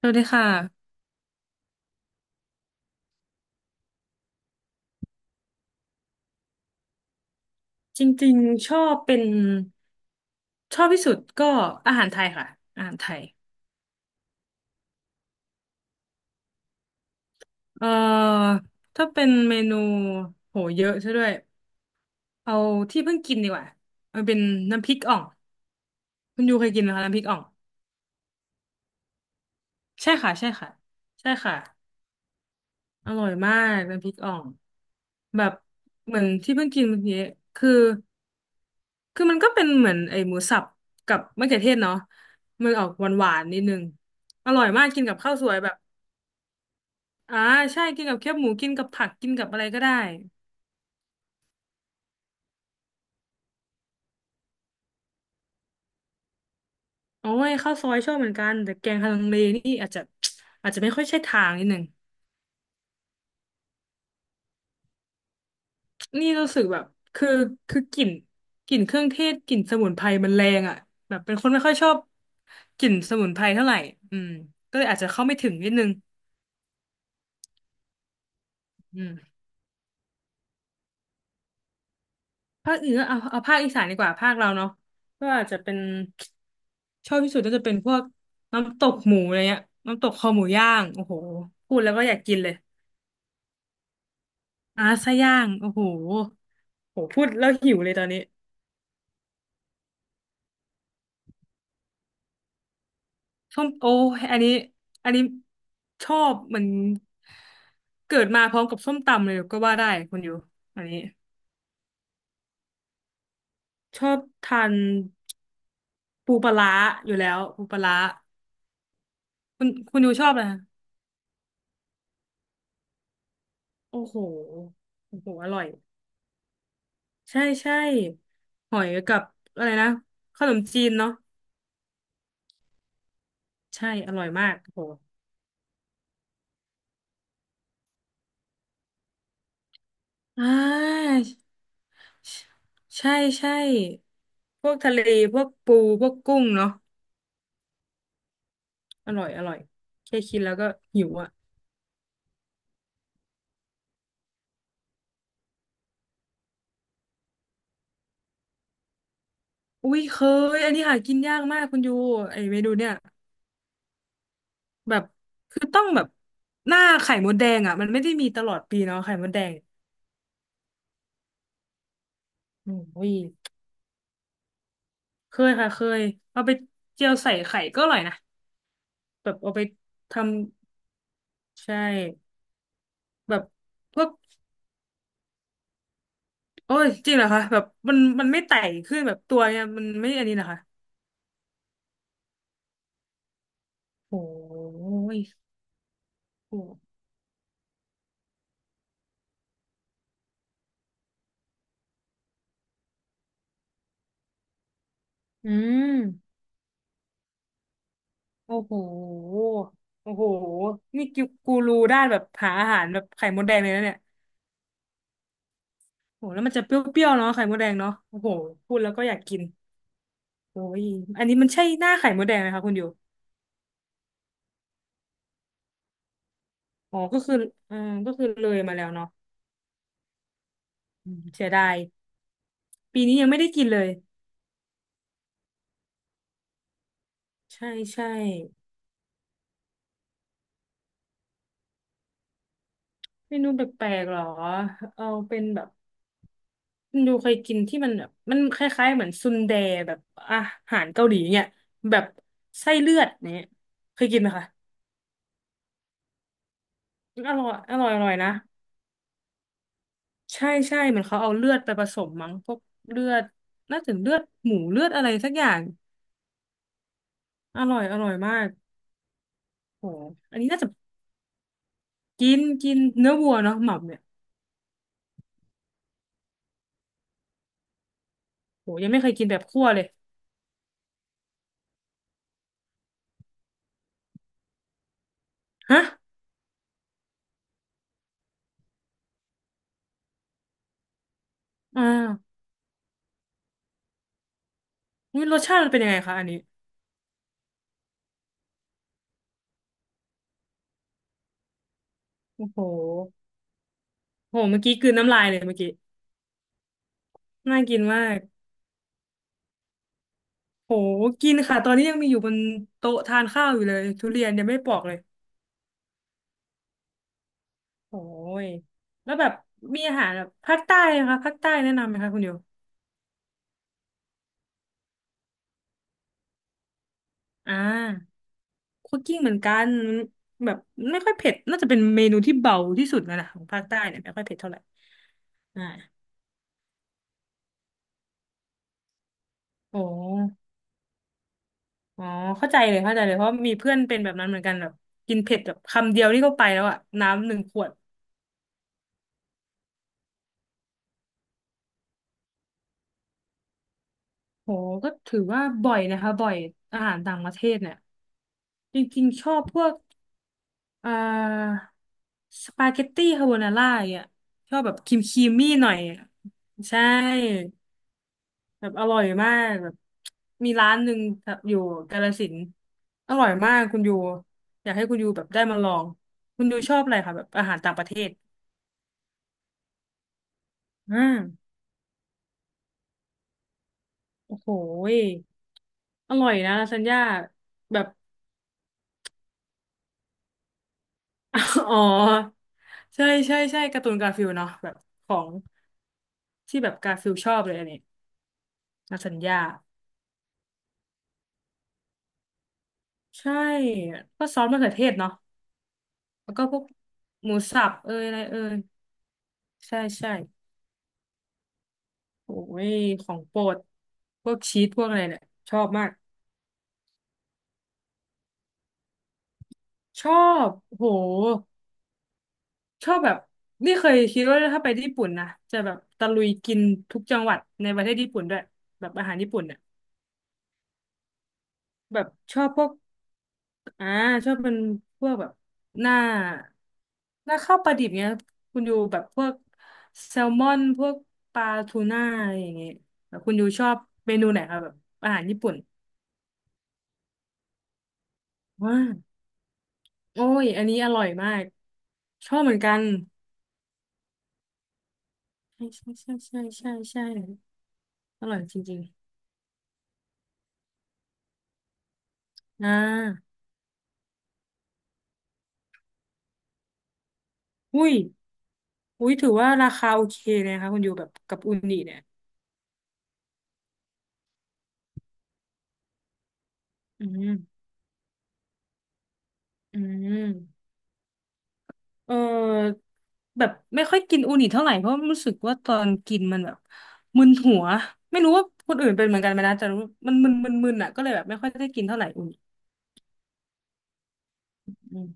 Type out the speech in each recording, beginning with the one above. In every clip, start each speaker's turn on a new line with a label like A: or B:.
A: สวัสดีค่ะจริงๆชอบเป็นชอบที่สุดก็อาหารไทยค่ะอาหารไทยเอ่อถ้าเป็นเมนูโหเยอะซะด้วยเอาที่เพิ่งกินดีกว่ามันเป็นน้ำพริกอ่องคุณยูเคยกินไหมคะน้ำพริกอ่องใช่ค่ะใช่ค่ะใช่ค่ะอร่อยมากน้ำพริกอ่องแบบเหมือนที่เพิ่งกินเมื่อกี้คือมันก็เป็นเหมือนไอ้หมูสับกับมะเขือเทศเนาะมันออกหวานๆนิดนึงอร่อยมากกินกับข้าวสวยแบบ อ่าใช่กินกับแคบหมูกินกับผักกินกับอะไรก็ได้โอ้ยข้าวซอยชอบเหมือนกันแต่แกงฮังเลนี่อาจจะอาจจะไม่ค่อยใช่ทางนิดหนึ่งนี่รู้สึกแบบคือกลิ่นกลิ่นเครื่องเทศกลิ่นสมุนไพรมันแรงอ่ะแบบเป็นคนไม่ค่อยชอบกลิ่นสมุนไพรเท่าไหร่อืมก็เลยอาจจะเข้าไม่ถึงนิดนึงอืมภาคอื่นเอาเอาภาคอีสานดีกว่าภาคเราเนาะก็อาจจะเป็นชอบที่สุดก็จะเป็นพวกน้ำตกหมูอะไรเงี้ยน้ำตกคอหมูย่างโอ้โหพูดแล้วก็อยากกินเลย ไส้ย่างโอ้โหโหพูดแล้วหิวเลยตอนนี้ส้มโอ้ยอันนี้อันนี้ชอบเหมันเกิดมาพร้อมกับส้มตำเลยก็ว่าได้คุณอยู่อันนี้ชอบทานปูปลาร้าอยู่แล้วปูปลาร้าคุณอยู่ชอบอะไรโอ้โหโอ้โหอร่อยใช่ใช่หอยกับอะไรนะขนมจีนเนาะใช่อร่อยมากโอ้โหอ่า ใช่ใช่พวกทะเลพวกปูพวกกุ้งเนาะอร่อยอร่อยแค่คิดแล้วก็หิวอ่ะอุ้ยเคยอันนี้หากินยากมากคุณยูไอเมนูเนี่ยแบบคือต้องแบบหน้าไข่มดแดงอ่ะมันไม่ได้มีตลอดปีเนาะไข่มดแดงอืมอุ้ยเคยค่ะเคยเอาไปเจียวใส่ไข่ก็อร่อยนะแบบเอาไปทำใช่แบบพวกโอ้ยจริงเหรอคะแบบมันไม่ไต่ขึ้นแบบตัวเนี่ยมันไม่อันนี้นะคะโอ้ยโห อืมโอ้โหโอ้โหนี่กิกูรูด้านแบบหาอาหารแบบไข่มดแดงเลยนะเนี่ยโอ้โหแล้วมันจะเปรี้ยวๆเนาะไข่มดแดงเนาะโอ้โหพูดแล้วก็อยากกินโอ้ยอันนี้มันใช่หน้าไข่มดแดงไหมคะคุณอยู่อ๋อก็คือเอาก็คือเลยมาแล้วเนาะอืมเสียดายปีนี้ยังไม่ได้กินเลยใช่ใช่เมนูแปลกๆหรอเอาเป็นแบบคุณดูเคยกินที่มันแบบมันคล้ายๆเหมือนซุนแดแบบอาหารเกาหลีเนี่ยแบบไส้เลือดเนี่ยเคยกินไหมคะ อร่อยอร่อยอร่อยนะ ใช่ใช่เหมือนเขาเอาเลือดไปผสมมั้งพวกเลือดน่าจะเลือดหมูเลือดอะไรสักอย่างอร่อยอร่อยมากโหอันนี้น่าจะกินกินเนื้อวัวเนาะหม่ำเนี่ยโหยังไม่เคยกินแบบคั่วเลยฮะอ่าอุ๊ยรสชาติมันเป็นยังไงคะอันนี้โอ้โหโหเมื่อกี้กลืนน้ำลายเลยเมื่อกี้น่ากินมากโหกินค่ะตอนนี้ยังมีอยู่บนโต๊ะทานข้าวอยู่เลยทุเรียนยังไม่ปอกเลยโอ้ยแล้วแบบมีอาหารแบบภาคใต้นะคะภาคใต้แนะนำไหมคะคุณโย อ่าคั่วกลิ้งเหมือนกันมันแบบไม่ค่อยเผ็ดน่าจะเป็นเมนูที่เบาที่สุดแล้วนะของภาคใต้เนี่ยไม่ค่อยเผ็ดเท่าไหร่อ่าโอ้อ๋อเข้าใจเลยเข้าใจเลยเพราะมีเพื่อนเป็นแบบนั้นเหมือนกันแบบกินเผ็ดแบบคำเดียวนี่ก็ไปแล้วอะน้ำหนึ่งขวดโหก็ถือว่าบ่อยนะคะบ่อยอาหารต่างประเทศเนี่ยจริงๆชอบพวกอ่าสปาเกตตี้คาโบนาร่าอย่างเนียชอบแบบครีมครีมมี่หน่อยอะใช่ แบบอร่อยมากแบบมีร้านหนึ่งแถบอยู่กาฬสินธุ์อร่อยมากคุณยูอยากให้คุณยูแบบได้มาลองคุณยูชอบอะไรคะแบบอาหารต่างประเทศอ่าโอ้โหยอร่อยนะลาซานญ่าแบบ อ๋อใช่ใช่ใช่การ์ตูนกาฟิลเนาะแบบของที่แบบกาฟิลชอบเลยอันนี้ลาซานญ่าใช่ก็ซอสมะเขือเทศเนาะแล้วก็พวกหมูสับเอยอะไรเอยใช่ใช่ โอ้ยของโปรดพวกชีสพวกอะไรเนี่ยชอบมากชอบโหชอบแบบนี่เคยคิดว่าถ้าไปญี่ปุ่นนะจะแบบตะลุยกินทุกจังหวัดในประเทศญี่ปุ่นด้วยแบบอาหารญี่ปุ่นเนี่ยแบบชอบพวกอ่าชอบเป็นพวกแบบหน้าหน้าข้าวปลาดิบเนี้ยคุณยูแบบพวกแซลมอนพวกปลาทูน่าอะไรอย่างเงี้ยแบบคุณยูชอบเมนูไหนครับแบบอาหารญี่ปุ่นว้า โอ้ย อันนี้อร่อยมาก ชอบเหมือนกัน ใช่ใช่ใช่ใช่ใช่ใช่อร่อยจริงๆอุ้ยอุ้ยถือว่าราคาโอเคเลยนะคะคุณอยู่แบบกับอุนิเนี่ยอืมอืมเออแบบไม่ค่อยกินอูนิเท่าไหร่เพราะรู้สึกว่าตอนกินมันแบบมึนหัวไม่รู้ว่าคนอื่นเป็นเหมือนกันไหมนะแต่รู้มันมึนอ่ะก็เลยแบบไม่ค่อยได้กินเท่าไหร่อูนิอืม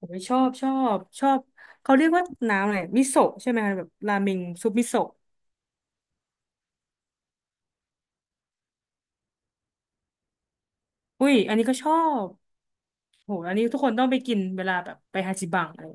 A: ผมชอบเขาเรียกว่าน้ำอะไรมิโซะใช่ไหมคะแบบราเมงซุปมิโซะ อุ้ยอันนี้ก็ชอบโหอันนี้ทุกคนต้องไปกินเวลาแบบไปฮาจิบังอะไร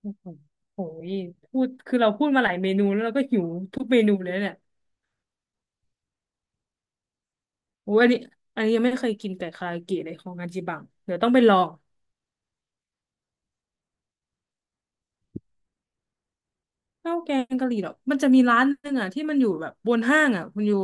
A: โอ้โหโหยพูดคือเราพูดมาหลายเมนูแล้วเราก็หิวทุกเมนูเลยเนี่ยโอ้ยอันนี้อันนี้ยังไม่เคยกินไก่คาราเกะเลยของฮาจิบังเดี๋ยวต้องไปลองข้าวแกงกะหรี่หรอกมันจะมีร้านหนึงอ่ะที่มันอยู่แบบบนห้างอ่ะคุณอยู่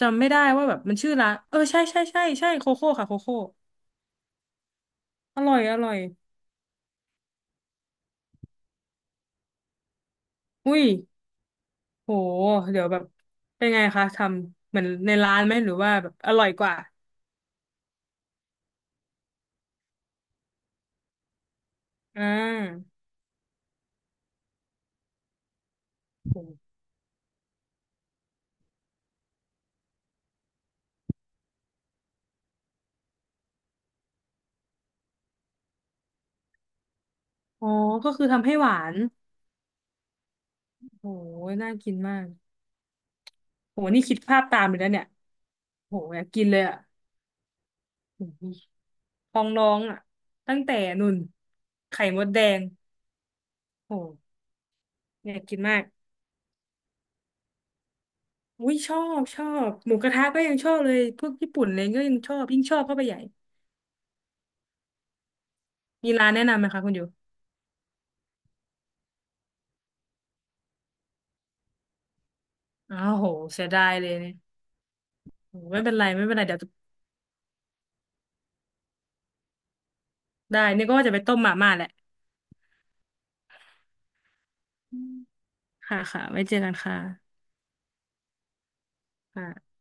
A: จำไม่ได้ว่าแบบมันชื่อร้านเออใช่ใช่ใช่ใช่โคโค่ค่ะโคโค่อร่อยอร่อยอุ้ยโหเดี๋ยวแบบเป็นไงคะทำเหมือนในร้านไหมหรือว่าแบบอร่อยกว่าอ่า อ๋อก็คือทำให้หวานโหน่ากินมากโหนี่คิดภาพตามเลยนะเนี่ยโหอยากกินเลยอ่ะโหพองร้องอ่ะตั้งแต่นุ่นไข่มดแดงโหอยากกินมากอุ้ยชอบชอบหมูกระทะก็ยังชอบเลยพวกญี่ปุ่นอะไรก็ยังชอบยิ่งชอบเข้าไปใหญ่มีร้านแนะนำไหมคะคุณอยู่อ้าวโหเสียดายเลยเนี่ยโหไม่เป็นไรไม่เป็นไรเดี๋ยวได้นี่ก็ว่าจะไปต้มหม่าม่าแหละอืมค่ะค่ะไว้เจอกันค่ะค่ะ